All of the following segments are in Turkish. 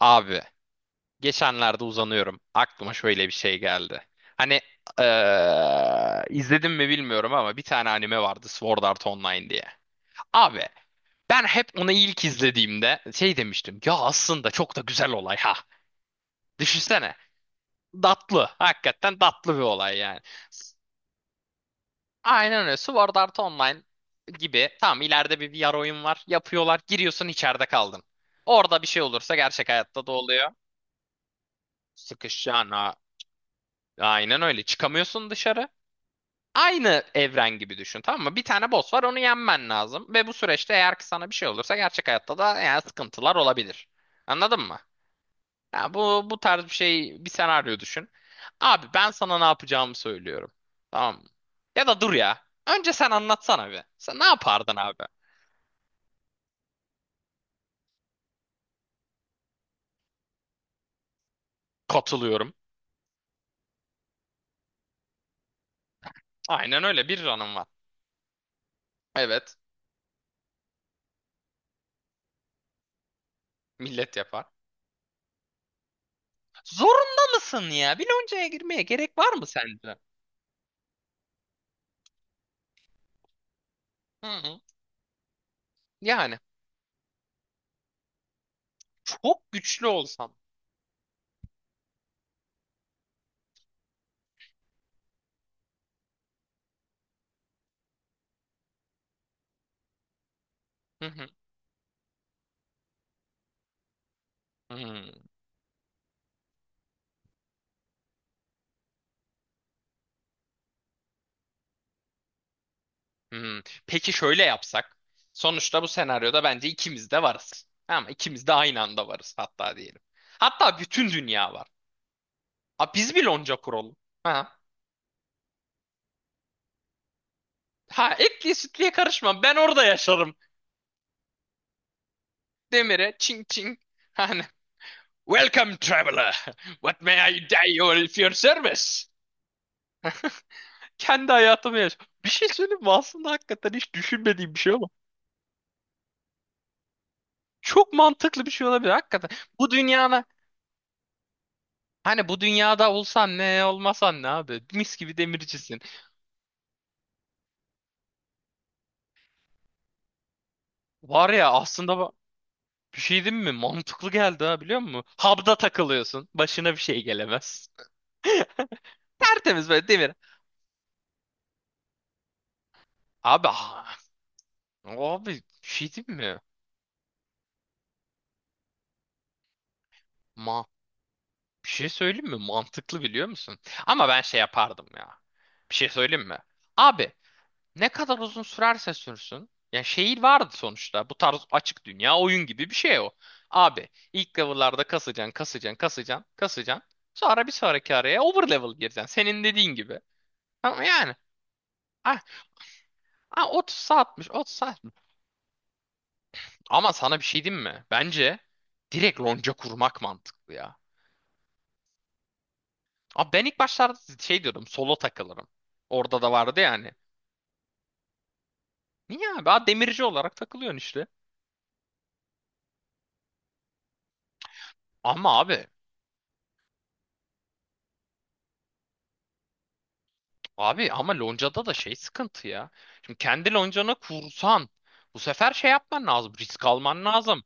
Abi geçenlerde uzanıyorum. Aklıma şöyle bir şey geldi. Hani izledim mi bilmiyorum ama bir tane anime vardı, Sword Art Online diye. Abi ben hep onu ilk izlediğimde şey demiştim. Ya aslında çok da güzel olay ha. Düşünsene. Tatlı. Hakikaten tatlı bir olay yani. Aynen öyle. Sword Art Online gibi. Tamam, ileride bir VR oyun var. Yapıyorlar. Giriyorsun, içeride kaldın. Orada bir şey olursa gerçek hayatta da oluyor. Sıkışacaksın ha. Aynen öyle. Çıkamıyorsun dışarı. Aynı evren gibi düşün, tamam mı? Bir tane boss var, onu yenmen lazım. Ve bu süreçte eğer ki sana bir şey olursa gerçek hayatta da yani sıkıntılar olabilir. Anladın mı? Ya bu tarz bir şey, bir senaryo düşün. Abi ben sana ne yapacağımı söylüyorum. Tamam mı? Ya da dur ya. Önce sen anlatsana bir. Sen ne yapardın abi? Katılıyorum. Aynen öyle bir ranım var. Evet. Millet yapar. Zorunda mısın ya? Biloncaya girmeye gerek var mı sence? Hı hı. Yani. Çok güçlü olsam. Hı hı, hı hı. Peki şöyle yapsak. Sonuçta bu senaryoda bence ikimiz de varız. Ama ikimiz de aynı anda varız hatta diyelim. Hatta bütün dünya var. Ha, biz bir lonca kuralım. Ha. Ha, etliye sütlüye karışma. Ben orada yaşarım. Demire çing çing. Hani, welcome traveler. What may I do you if your service? Kendi hayatımı yaş. Bir şey söyleyeyim mi? Aslında hakikaten hiç düşünmediğim bir şey ama çok mantıklı bir şey olabilir. Hakikaten bu dünyana hani bu dünyada olsan ne olmasan ne abi? Mis gibi demircisin. Var ya, aslında bir şey değil mi? Mantıklı geldi ha, biliyor musun? Hub'da takılıyorsun. Başına bir şey gelemez. Tertemiz böyle demir. Abi ha- abi bir şey değil mi? Ma bir şey söyleyeyim mi? Mantıklı, biliyor musun? Ama ben şey yapardım ya. Bir şey söyleyeyim mi? Abi, ne kadar uzun sürerse sürsün. Ya, şehir vardı sonuçta. Bu tarz açık dünya oyun gibi bir şey o. Abi ilk level'larda kasacaksın, kasacaksın, kasacaksın, kasacaksın. Sonra bir sonraki araya over level gireceksin. Senin dediğin gibi. Ama yani ah, 30 saatmiş, 30 saatmiş. Ama sana bir şey diyeyim mi? Bence direkt lonca kurmak mantıklı ya. Abi ben ilk başlarda şey diyordum, solo takılırım. Orada da vardı yani. Niye abi? Ha, demirci olarak takılıyorsun işte. Ama abi Abi, ama loncada da şey, sıkıntı ya. Şimdi kendi loncana kursan bu sefer şey yapman lazım. Risk alman lazım.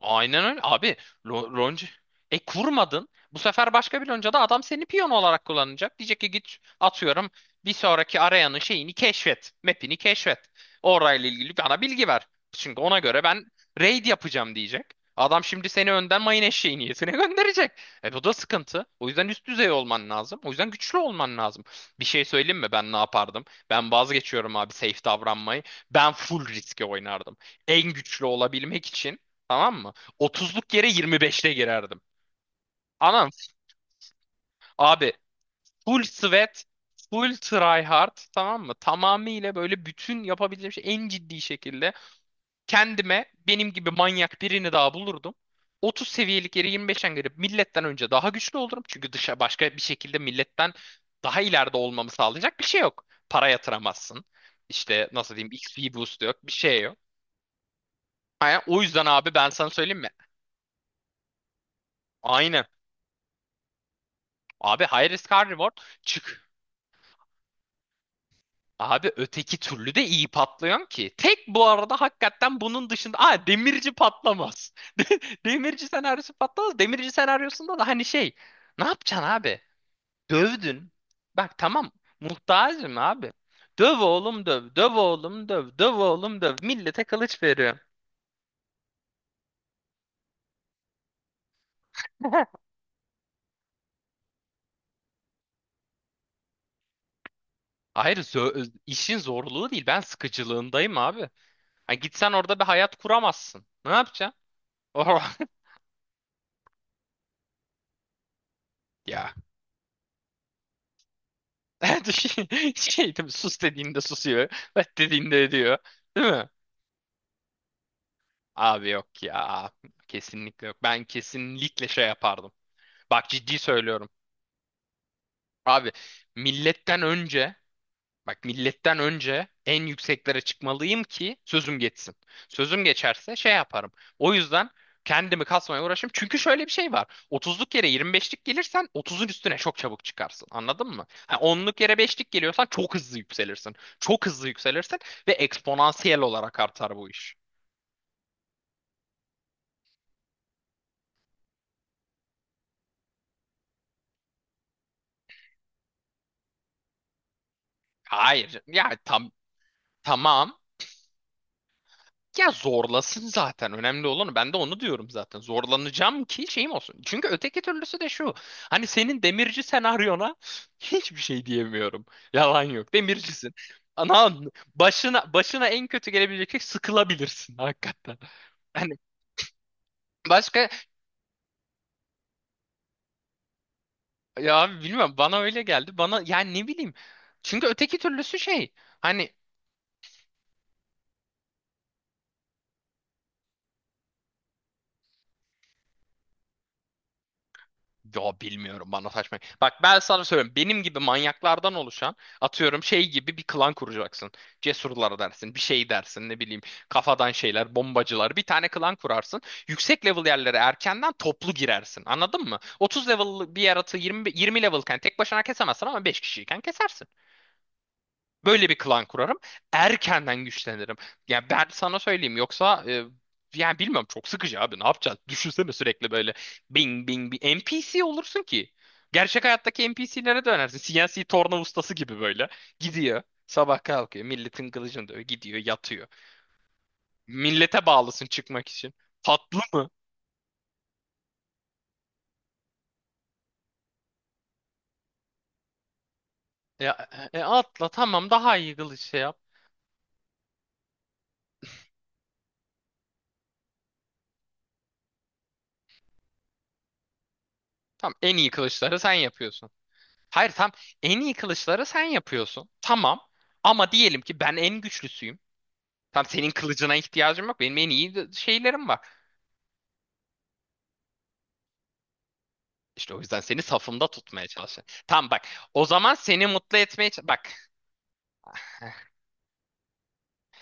Aynen öyle. Abi lonca kurmadın. Bu sefer başka bir loncada adam seni piyon olarak kullanacak. Diyecek ki git, atıyorum, bir sonraki arayanın şeyini keşfet. Map'ini keşfet. Orayla ilgili bana bilgi ver. Çünkü ona göre ben raid yapacağım diyecek. Adam şimdi seni önden mayın eşeği niyetine gönderecek. E bu da sıkıntı. O yüzden üst düzey olman lazım. O yüzden güçlü olman lazım. Bir şey söyleyeyim mi? Ben ne yapardım? Ben vazgeçiyorum abi safe davranmayı. Ben full riske oynardım. En güçlü olabilmek için, tamam mı? 30'luk yere 25'te girerdim. Anam abi, full sweat, full try hard, tamam mı? Tamamıyla böyle bütün yapabileceğim şey, en ciddi şekilde kendime benim gibi manyak birini daha bulurdum. 30 seviyelik yere 25'ten girip milletten önce daha güçlü olurum. Çünkü dışa başka bir şekilde milletten daha ileride olmamı sağlayacak bir şey yok. Para yatıramazsın. İşte nasıl diyeyim, XP boost yok, bir şey yok. Ha, o yüzden abi ben sana söyleyeyim mi? Aynen. Abi, high risk high reward. Çık. Abi öteki türlü de iyi patlıyorsun ki. Tek bu arada hakikaten bunun dışında... Aa, demirci patlamaz. De- Demirci senaryosu patlamaz. Demirci senaryosunda da hani şey... Ne yapacaksın abi? Dövdün. Bak tamam. Muhtacım abi. Döv oğlum döv. Döv oğlum döv. Döv oğlum döv. Millete kılıç veriyor. Hayır, işin zorluğu değil. Ben sıkıcılığındayım abi. Ha, gitsen orada bir hayat kuramazsın. Ne yapacaksın? Ya. Şey, şey değil, sus dediğinde susuyor. Evet dediğinde ediyor. Değil mi? Abi yok ya. Kesinlikle yok. Ben kesinlikle şey yapardım. Bak, ciddi söylüyorum. Abi milletten önce Bak, milletten önce en yükseklere çıkmalıyım ki sözüm geçsin. Sözüm geçerse şey yaparım. O yüzden kendimi kasmaya uğraşım. Çünkü şöyle bir şey var. 30'luk yere 25'lik gelirsen 30'un üstüne çok çabuk çıkarsın. Anladın mı? Ha, 10'luk yere 5'lik geliyorsan çok hızlı yükselirsin. Çok hızlı yükselirsin ve eksponansiyel olarak artar bu iş. Hayır. Ya tamam. Ya zorlasın zaten. Önemli olanı. Ben de onu diyorum zaten. Zorlanacağım ki şeyim olsun. Çünkü öteki türlüsü de şu. Hani senin demirci senaryona hiçbir şey diyemiyorum. Yalan yok. Demircisin. Anan, başına başına en kötü gelebilecek şey, sıkılabilirsin hakikaten. Hani başka, ya bilmem, bana öyle geldi. Bana yani, ne bileyim. Çünkü öteki türlüsü şey. Hani, yo, bilmiyorum, bana saçma. Bak, ben sana söylüyorum. Benim gibi manyaklardan oluşan, atıyorum şey gibi bir klan kuracaksın. Cesurlar dersin, bir şey dersin, ne bileyim, kafadan şeyler, bombacılar. Bir tane klan kurarsın. Yüksek level yerlere erkenden toplu girersin. Anladın mı? 30 level bir yaratığı 20 levelken tek başına kesemezsin ama 5 kişiyken kesersin. Böyle bir klan kurarım. Erkenden güçlenirim. Ya ben sana söyleyeyim, yoksa yani bilmiyorum, çok sıkıcı abi, ne yapacağız? Düşünsene sürekli böyle bing bing bir NPC olursun ki. Gerçek hayattaki NPC'lere dönersin. CNC torna ustası gibi böyle. Gidiyor. Sabah kalkıyor. Milletin kılıcını dövüyor. Gidiyor yatıyor. Millete bağlısın çıkmak için. Tatlı mı? Ya, atla tamam, daha iyi kılıç şey yap. Tamam, en iyi kılıçları sen yapıyorsun. Hayır, tam, en iyi kılıçları sen yapıyorsun. Tamam. Ama diyelim ki ben en güçlüsüyüm. Tam senin kılıcına ihtiyacım yok. Benim en iyi şeylerim var. İşte o yüzden seni safımda tutmaya çalışıyorum. Tamam bak. O zaman seni mutlu etmeye bak.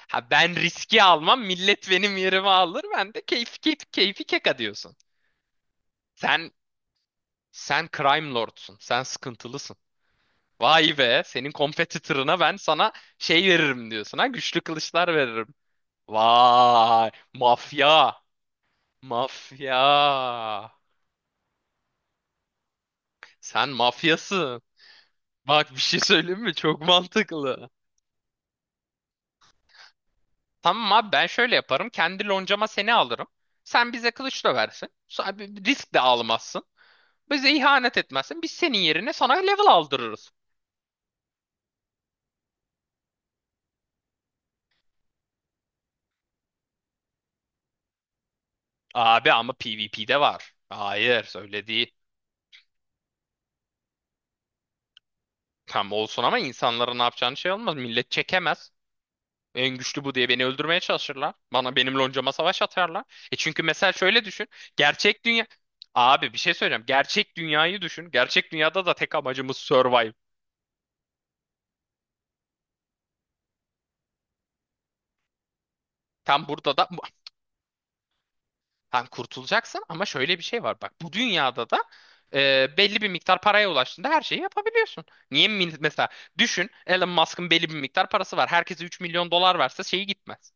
Ha, ben riski almam. Millet benim yerime alır. Ben de keyfi keyfi, keyfi keka diyorsun. Sen sen crime lordsun. Sen sıkıntılısın. Vay be. Senin competitor'ına ben sana şey veririm diyorsun ha. Güçlü kılıçlar veririm. Vay. Mafya. Mafya. Sen mafyasın. Bak, bir şey söyleyeyim mi? Çok mantıklı. Tamam abi ben şöyle yaparım. Kendi loncama seni alırım. Sen bize kılıç döversin. bir risk de almazsın. Bize ihanet etmezsin. Biz senin yerine sana level aldırırız. Abi ama PvP'de var. Hayır öyle değil. Tam olsun ama insanların ne yapacağını şey olmaz. Millet çekemez. En güçlü bu diye beni öldürmeye çalışırlar. Bana, benim loncama savaş atarlar. E çünkü mesela şöyle düşün. Gerçek dünya... Abi bir şey söyleyeceğim. Gerçek dünyayı düşün. Gerçek dünyada da tek amacımız survive. Tam burada da tam kurtulacaksın, ama şöyle bir şey var. Bak bu dünyada da belli bir miktar paraya ulaştığında her şeyi yapabiliyorsun. Mesela düşün, Elon Musk'ın belli bir miktar parası var. Herkese 3 milyon dolar verse şeyi gitmez.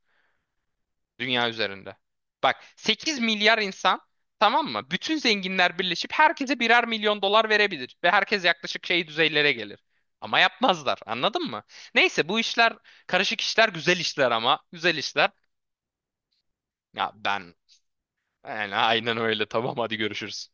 Dünya üzerinde. Bak, 8 milyar insan, tamam mı? Bütün zenginler birleşip herkese 1'er milyon dolar verebilir. Ve herkes yaklaşık şey düzeylere gelir. Ama yapmazlar, anladın mı? Neyse, bu işler karışık işler, güzel işler, ama güzel işler. Ya ben yani aynen öyle, tamam, hadi görüşürüz.